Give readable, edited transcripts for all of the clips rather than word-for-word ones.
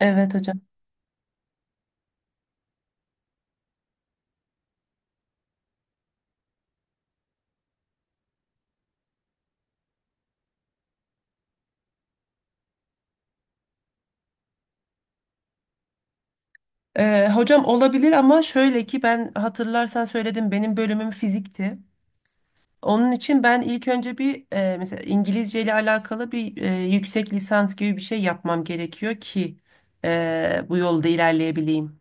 Evet hocam. Hocam olabilir ama şöyle ki ben hatırlarsan söyledim benim bölümüm fizikti. Onun için ben ilk önce bir mesela İngilizce ile alakalı bir yüksek lisans gibi bir şey yapmam gerekiyor ki bu yolda ilerleyebileyim.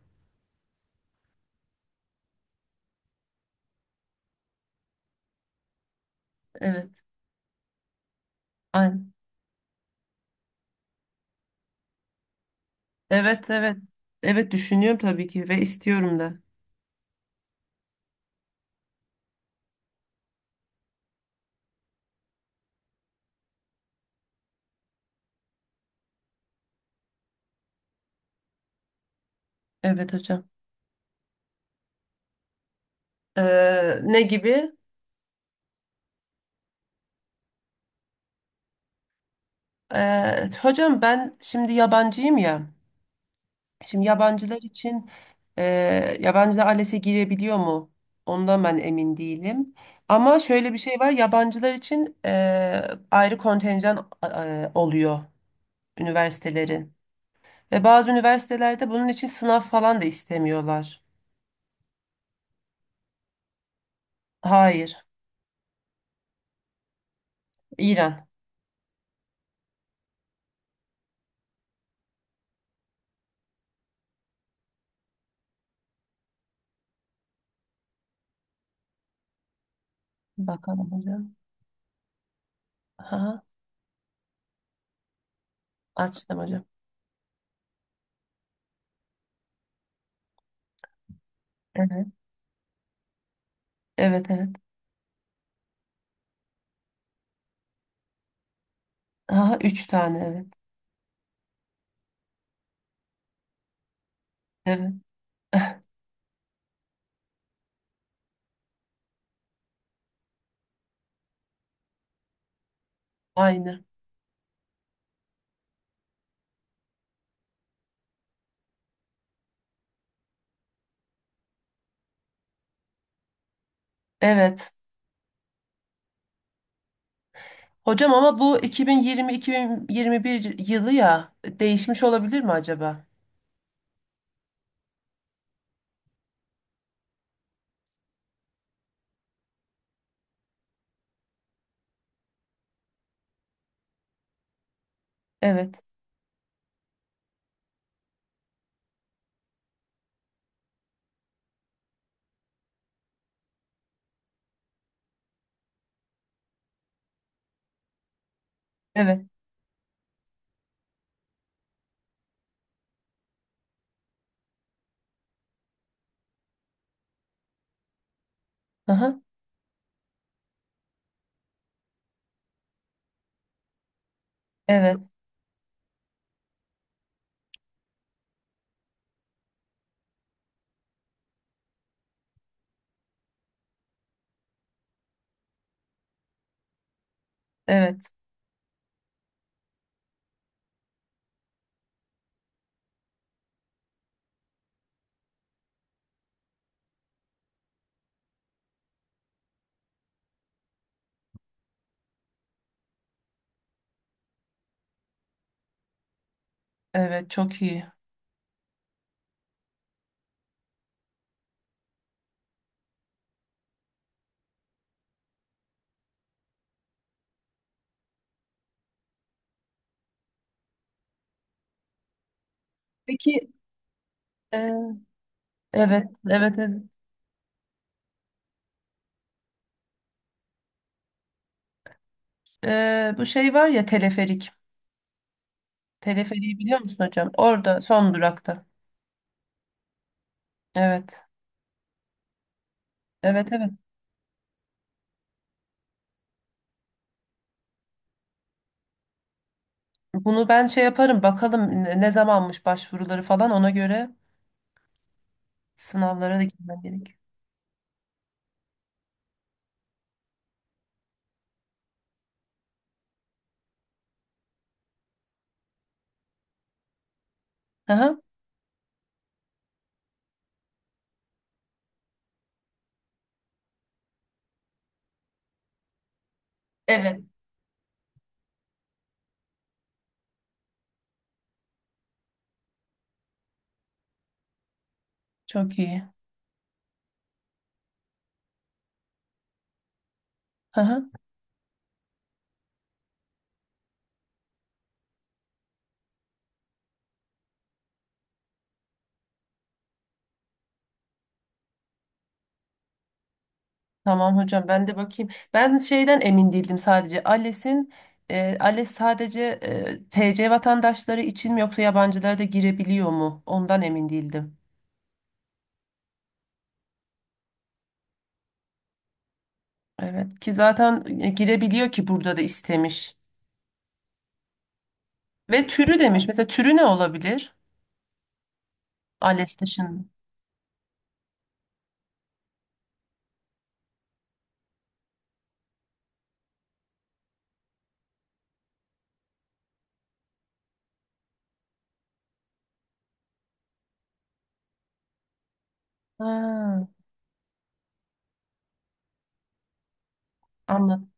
Evet. Aynen. Evet, evet. Evet düşünüyorum tabii ki ve istiyorum da. Evet hocam. Ne gibi? Hocam ben şimdi yabancıyım ya. Şimdi yabancılar için, e, yabancılar ALES'e girebiliyor mu? Ondan ben emin değilim. Ama şöyle bir şey var. Yabancılar için ayrı kontenjan oluyor üniversitelerin. Ve bazı üniversitelerde bunun için sınav falan da istemiyorlar. Hayır. İran. Bakalım hocam. Ha, açtım hocam. Evet. Evet, evet. Aha, üç tane evet. Evet. Aynı. Evet. Hocam ama bu 2020-2021 yılı ya değişmiş olabilir mi acaba? Evet, evet, aha, evet, evet, evet, çok iyi. Peki, e, evet, evet, evet. Bu şey var ya, teleferik. Teleferiği biliyor musun hocam? Orada son durakta. Evet, evet, evet. Bunu ben şey yaparım bakalım ne zamanmış başvuruları, falan ona göre sınavlara da girmem gerek. Aha, evet, çok iyi. Aha. Tamam hocam, ben de bakayım. Ben şeyden emin değildim sadece. ALES'in, ALES sadece, TC vatandaşları için mi yoksa yabancılar da girebiliyor mu? Ondan emin değildim. Evet ki zaten girebiliyor ki burada da istemiş. Ve türü demiş. Mesela türü ne olabilir? ALES dışında. Ha, anladım.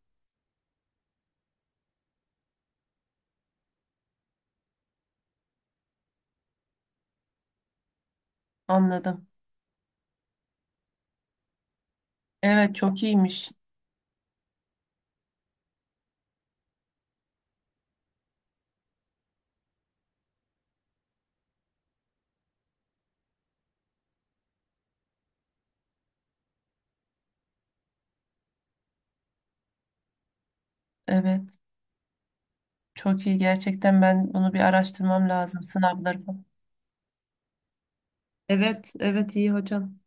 Anladım. Evet, çok iyiymiş. Evet. Çok iyi. Gerçekten ben bunu bir araştırmam lazım. Sınavları falan. Evet, evet iyi hocam.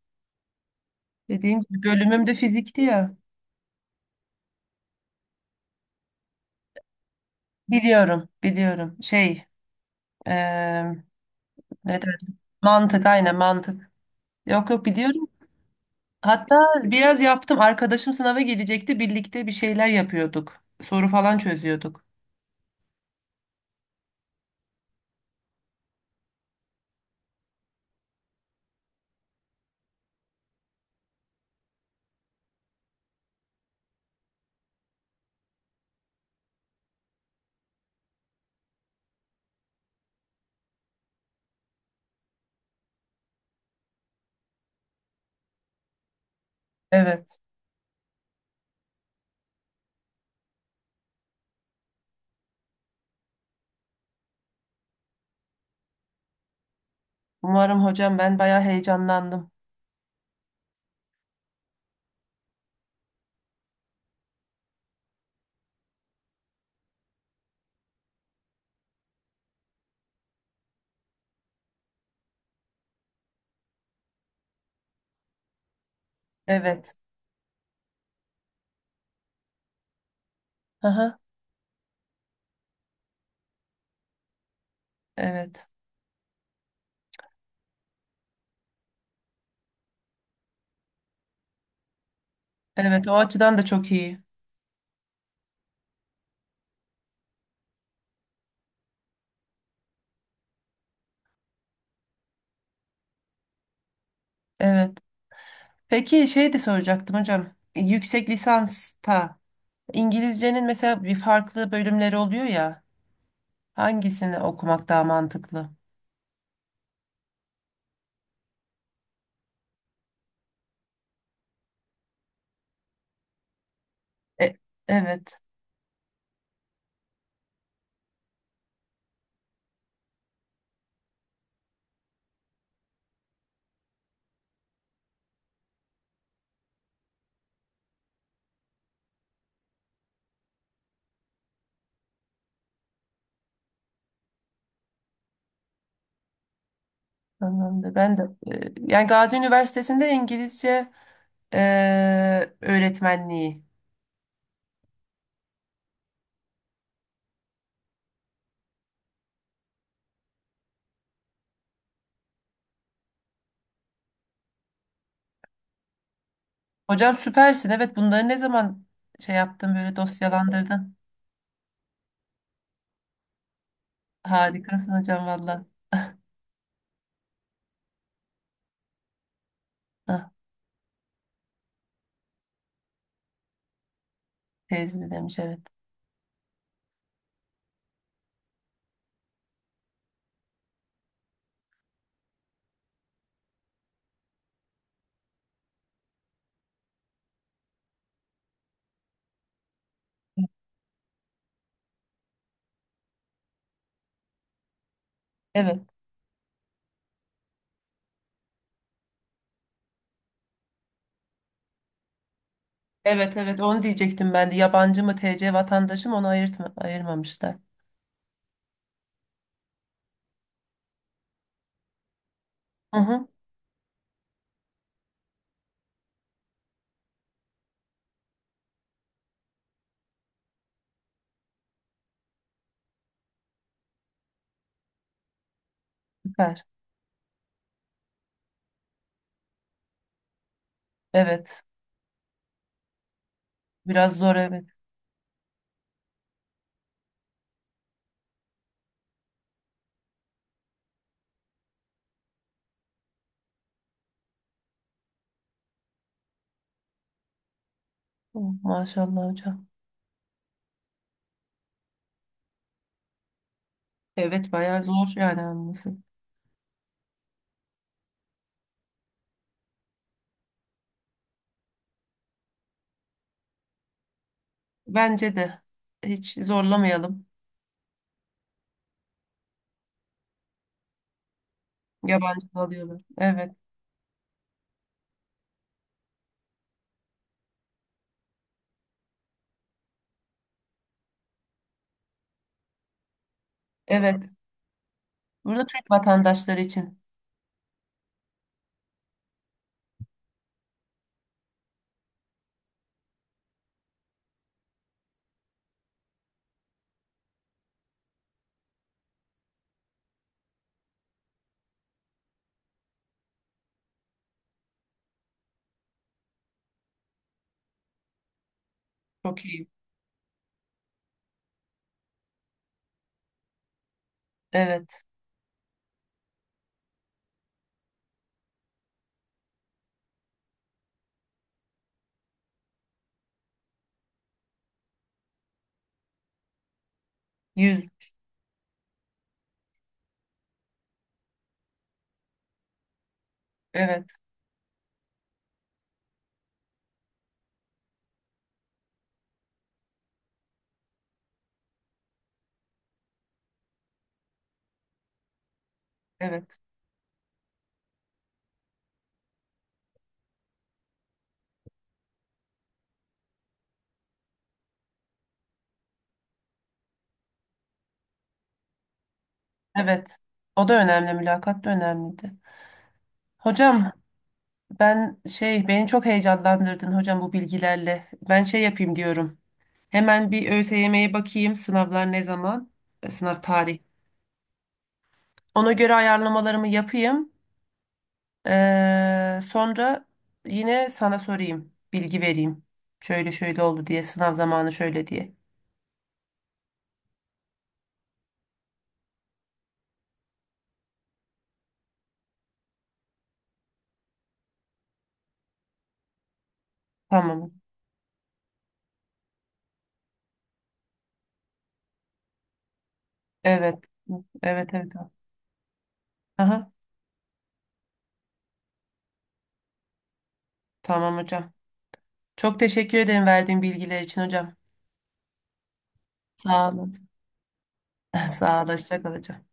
Dediğim gibi bölümüm de fizikti ya. Biliyorum, biliyorum. Şey, eee ne derler? Mantık, aynen mantık. Yok, yok, biliyorum. Hatta biraz yaptım. Arkadaşım sınava gelecekti. Birlikte bir şeyler yapıyorduk. Soru falan çözüyorduk. Evet. Umarım hocam, ben bayağı heyecanlandım. Evet. Aha, evet. Evet, o açıdan da çok iyi. Evet. Peki şey de soracaktım hocam. Yüksek lisansta İngilizcenin mesela bir farklı bölümleri oluyor ya. Hangisini okumak daha mantıklı? E, Evet. Anlamda. Ben de yani Gazi Üniversitesi'nde İngilizce öğretmenliği. Hocam süpersin. Evet bunları ne zaman şey yaptın, böyle dosyalandırdın. Harikasın hocam valla. Ah, teyze demiş evet. Evet. Evet, evet onu diyecektim ben de. Yabancı mı, TC vatandaşı mı, onu ayırtma, ayırmamışlar. Hı hı. Süper. Evet. Biraz zor, evet. Oh, Maşallah hocam. Evet bayağı zor yani anlaması. Bence de hiç zorlamayalım. Yabancı alıyorlar. Evet. Evet. Burada Türk vatandaşları için çok iyi. Evet. Yüz. Evet. Evet. Evet. O da önemli. Mülakat da önemliydi. Hocam, ben şey beni çok heyecanlandırdın hocam bu bilgilerle. Ben şey yapayım diyorum. Hemen bir ÖSYM'ye bakayım. Sınavlar ne zaman? Sınav tarihi. Ona göre ayarlamalarımı yapayım. Sonra yine sana sorayım, bilgi vereyim. Şöyle şöyle oldu diye, sınav zamanı şöyle diye. Tamam. Evet. Evet, evet. Aha, tamam hocam. Çok teşekkür ederim verdiğin bilgiler için hocam. Sağ olun. Sağ olun. Hoşça kal hocam.